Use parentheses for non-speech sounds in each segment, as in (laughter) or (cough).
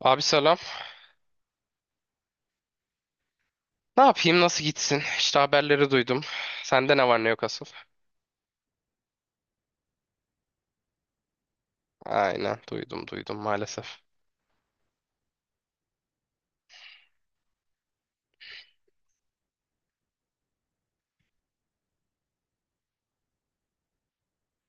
Abi selam. Ne yapayım? Nasıl gitsin? İşte haberleri duydum. Sende ne var ne yok asıl? Aynen, duydum maalesef.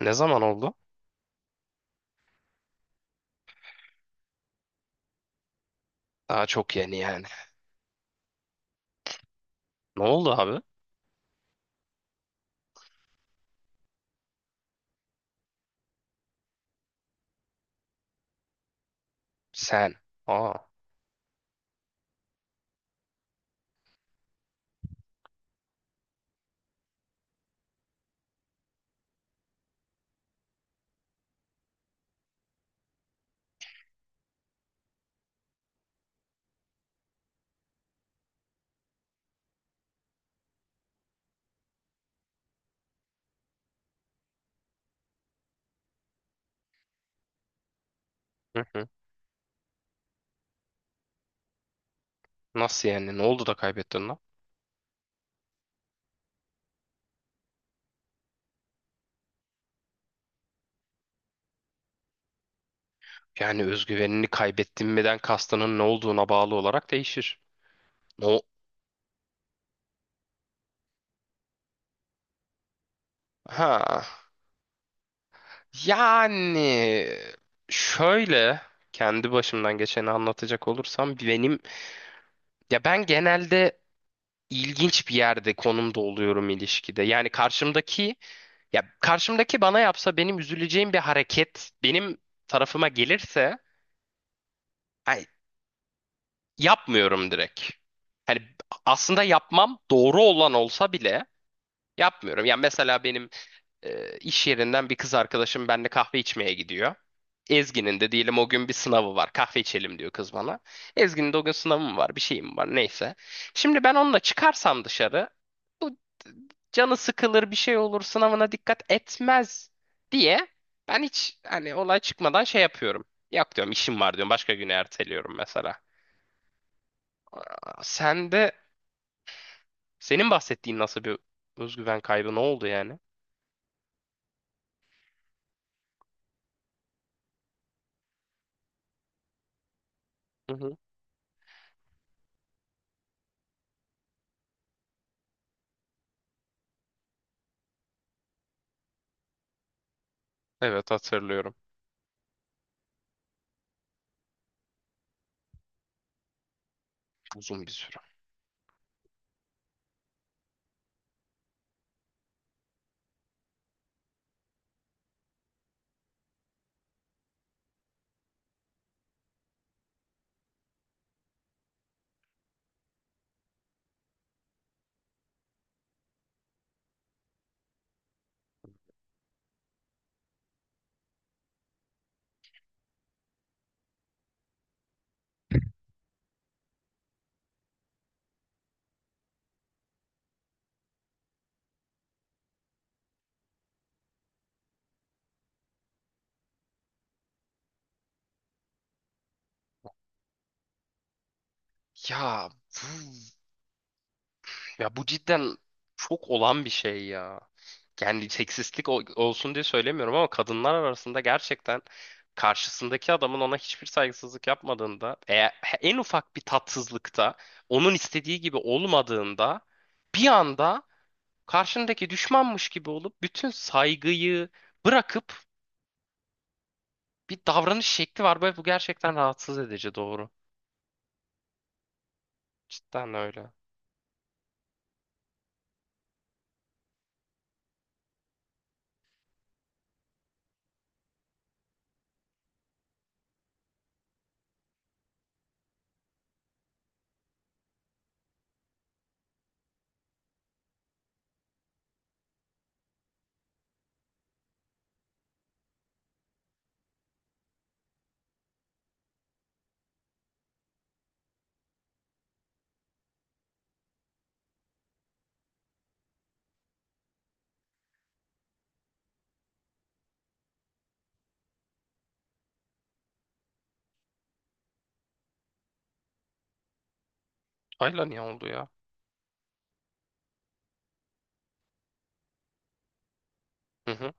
Ne zaman oldu? Daha çok yeni yani. Ne oldu abi? Sen. Aa. Hı hı. Nasıl yani? Ne oldu da kaybettin lan? Yani özgüvenini kaybettin miden kastının ne olduğuna bağlı olarak değişir. No. Ha. Yani şöyle, kendi başımdan geçeni anlatacak olursam ben genelde ilginç bir yerde, konumda oluyorum ilişkide. Yani karşımdaki bana yapsa benim üzüleceğim bir hareket benim tarafıma gelirse, ay, yapmıyorum direkt. Hani aslında yapmam doğru olan olsa bile yapmıyorum. Yani mesela benim iş yerinden bir kız arkadaşım benimle kahve içmeye gidiyor. Ezgi'nin de diyelim o gün bir sınavı var. Kahve içelim diyor kız bana. Ezgi'nin de o gün sınavı mı var, bir şeyim var, neyse. Şimdi ben onunla çıkarsam dışarı, bu canı sıkılır, bir şey olur, sınavına dikkat etmez diye ben hiç hani olay çıkmadan şey yapıyorum. Yok diyorum, işim var diyorum, başka güne erteliyorum mesela. Aa, sen de senin bahsettiğin nasıl bir özgüven kaybı, ne oldu yani? Hı hı. Evet, hatırlıyorum. Uzun bir süre. Ya bu, ya bu cidden çok olan bir şey ya. Yani seksistlik olsun diye söylemiyorum ama kadınlar arasında gerçekten, karşısındaki adamın ona hiçbir saygısızlık yapmadığında, eğer en ufak bir tatsızlıkta onun istediği gibi olmadığında, bir anda karşındaki düşmanmış gibi olup bütün saygıyı bırakıp bir davranış şekli var. Böyle bu gerçekten rahatsız edici, doğru. Cidden öyle. Ayla niye oldu ya? Hı hı.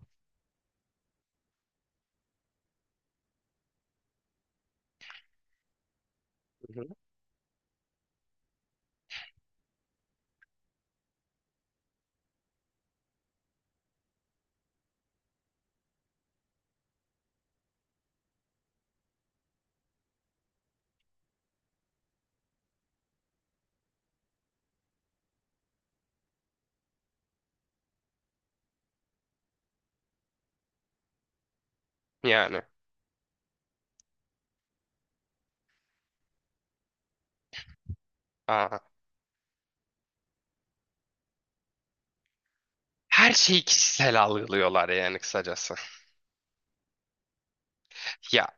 Hı hı. Yani. Aa. Her şeyi kişisel algılıyorlar yani kısacası. Ya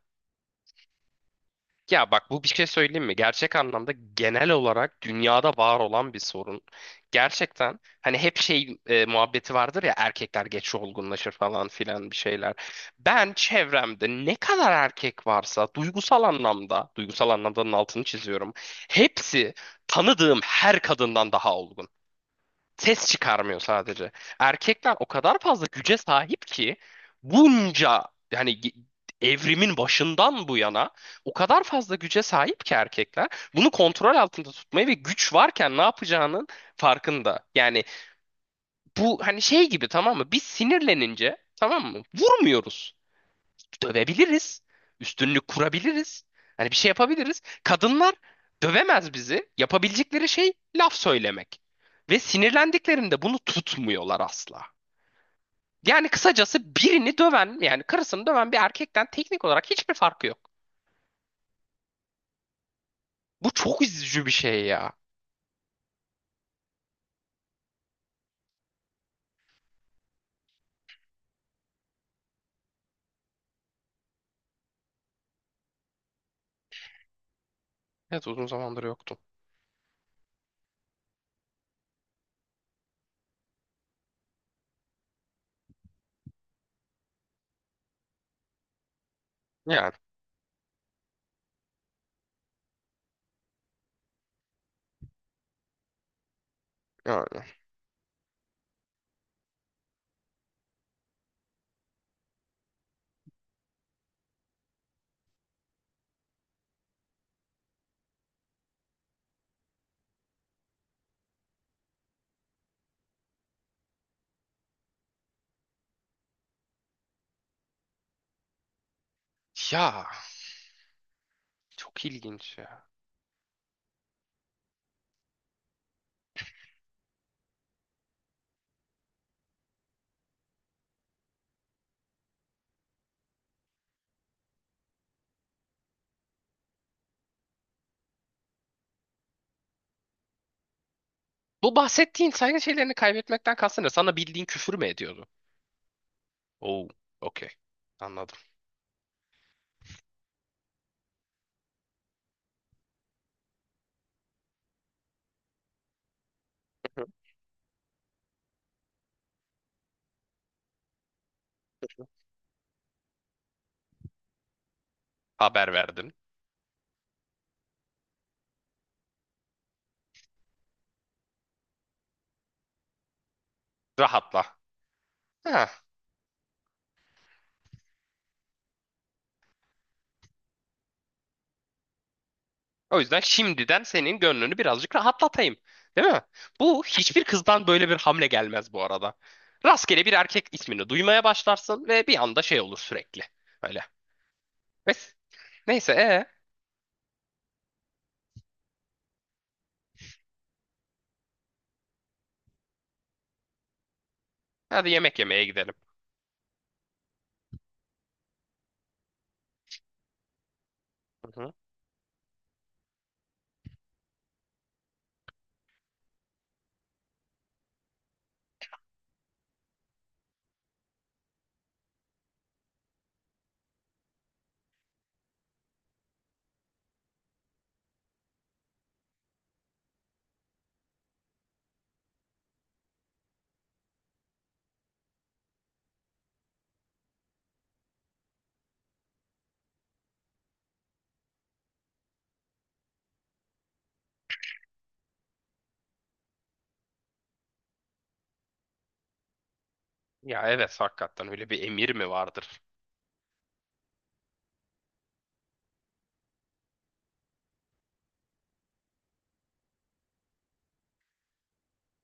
ya bak, bu bir şey söyleyeyim mi? Gerçek anlamda genel olarak dünyada var olan bir sorun. Gerçekten hani hep şey, muhabbeti vardır ya, erkekler geç olgunlaşır falan filan bir şeyler. Ben çevremde ne kadar erkek varsa duygusal anlamda, duygusal anlamdanın altını çiziyorum. Hepsi tanıdığım her kadından daha olgun. Ses çıkarmıyor sadece. Erkekler o kadar fazla güce sahip ki, bunca yani evrimin başından bu yana o kadar fazla güce sahip ki erkekler, bunu kontrol altında tutmayı ve güç varken ne yapacağının farkında. Yani bu hani şey gibi, tamam mı? Biz sinirlenince, tamam mı, vurmuyoruz, dövebiliriz. Üstünlük kurabiliriz. Hani bir şey yapabiliriz. Kadınlar dövemez bizi. Yapabilecekleri şey laf söylemek. Ve sinirlendiklerinde bunu tutmuyorlar asla. Yani kısacası birini döven, yani karısını döven bir erkekten teknik olarak hiçbir farkı yok. Bu çok üzücü bir şey ya. Evet, uzun zamandır yoktu. Yani, yani. Ya çok ilginç ya. Bu bahsettiğin saygı şeylerini kaybetmekten kastın ne? Sana bildiğin küfür mü ediyordu? Oo, okey. Anladım. (laughs) Haber verdin. Rahatla. Ha. O yüzden şimdiden senin gönlünü birazcık rahatlatayım. Değil mi? Bu hiçbir kızdan böyle bir hamle gelmez bu arada. Rastgele bir erkek ismini duymaya başlarsın ve bir anda şey olur sürekli. Öyle. Neyse, neyse hadi yemek yemeye gidelim. Hı hı. Ya evet, hakikaten öyle bir emir mi vardır?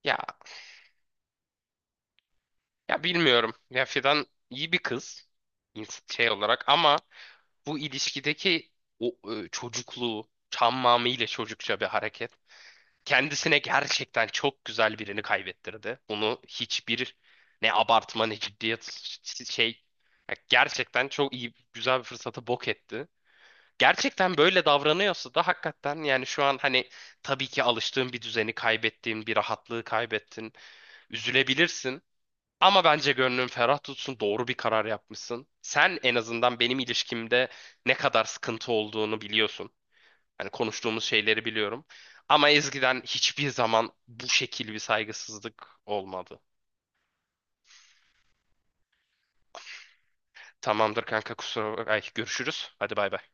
Ya ya bilmiyorum. Ya Fidan iyi bir kız, şey olarak, ama bu ilişkideki o çocukluğu, çammamı ile çocukça bir hareket. Kendisine gerçekten çok güzel birini kaybettirdi. Bunu hiçbir, ne abartma ne ciddiyet, şey, ya gerçekten çok iyi güzel bir fırsatı bok etti. Gerçekten böyle davranıyorsa da hakikaten, yani şu an hani tabii ki alıştığın bir düzeni, kaybettiğin bir rahatlığı kaybettin. Üzülebilirsin ama bence gönlün ferah tutsun, doğru bir karar yapmışsın. Sen en azından benim ilişkimde ne kadar sıkıntı olduğunu biliyorsun. Hani konuştuğumuz şeyleri biliyorum. Ama Ezgi'den hiçbir zaman bu şekil bir saygısızlık olmadı. Tamamdır kanka, kusura bak. Ay, görüşürüz. Hadi bay bay.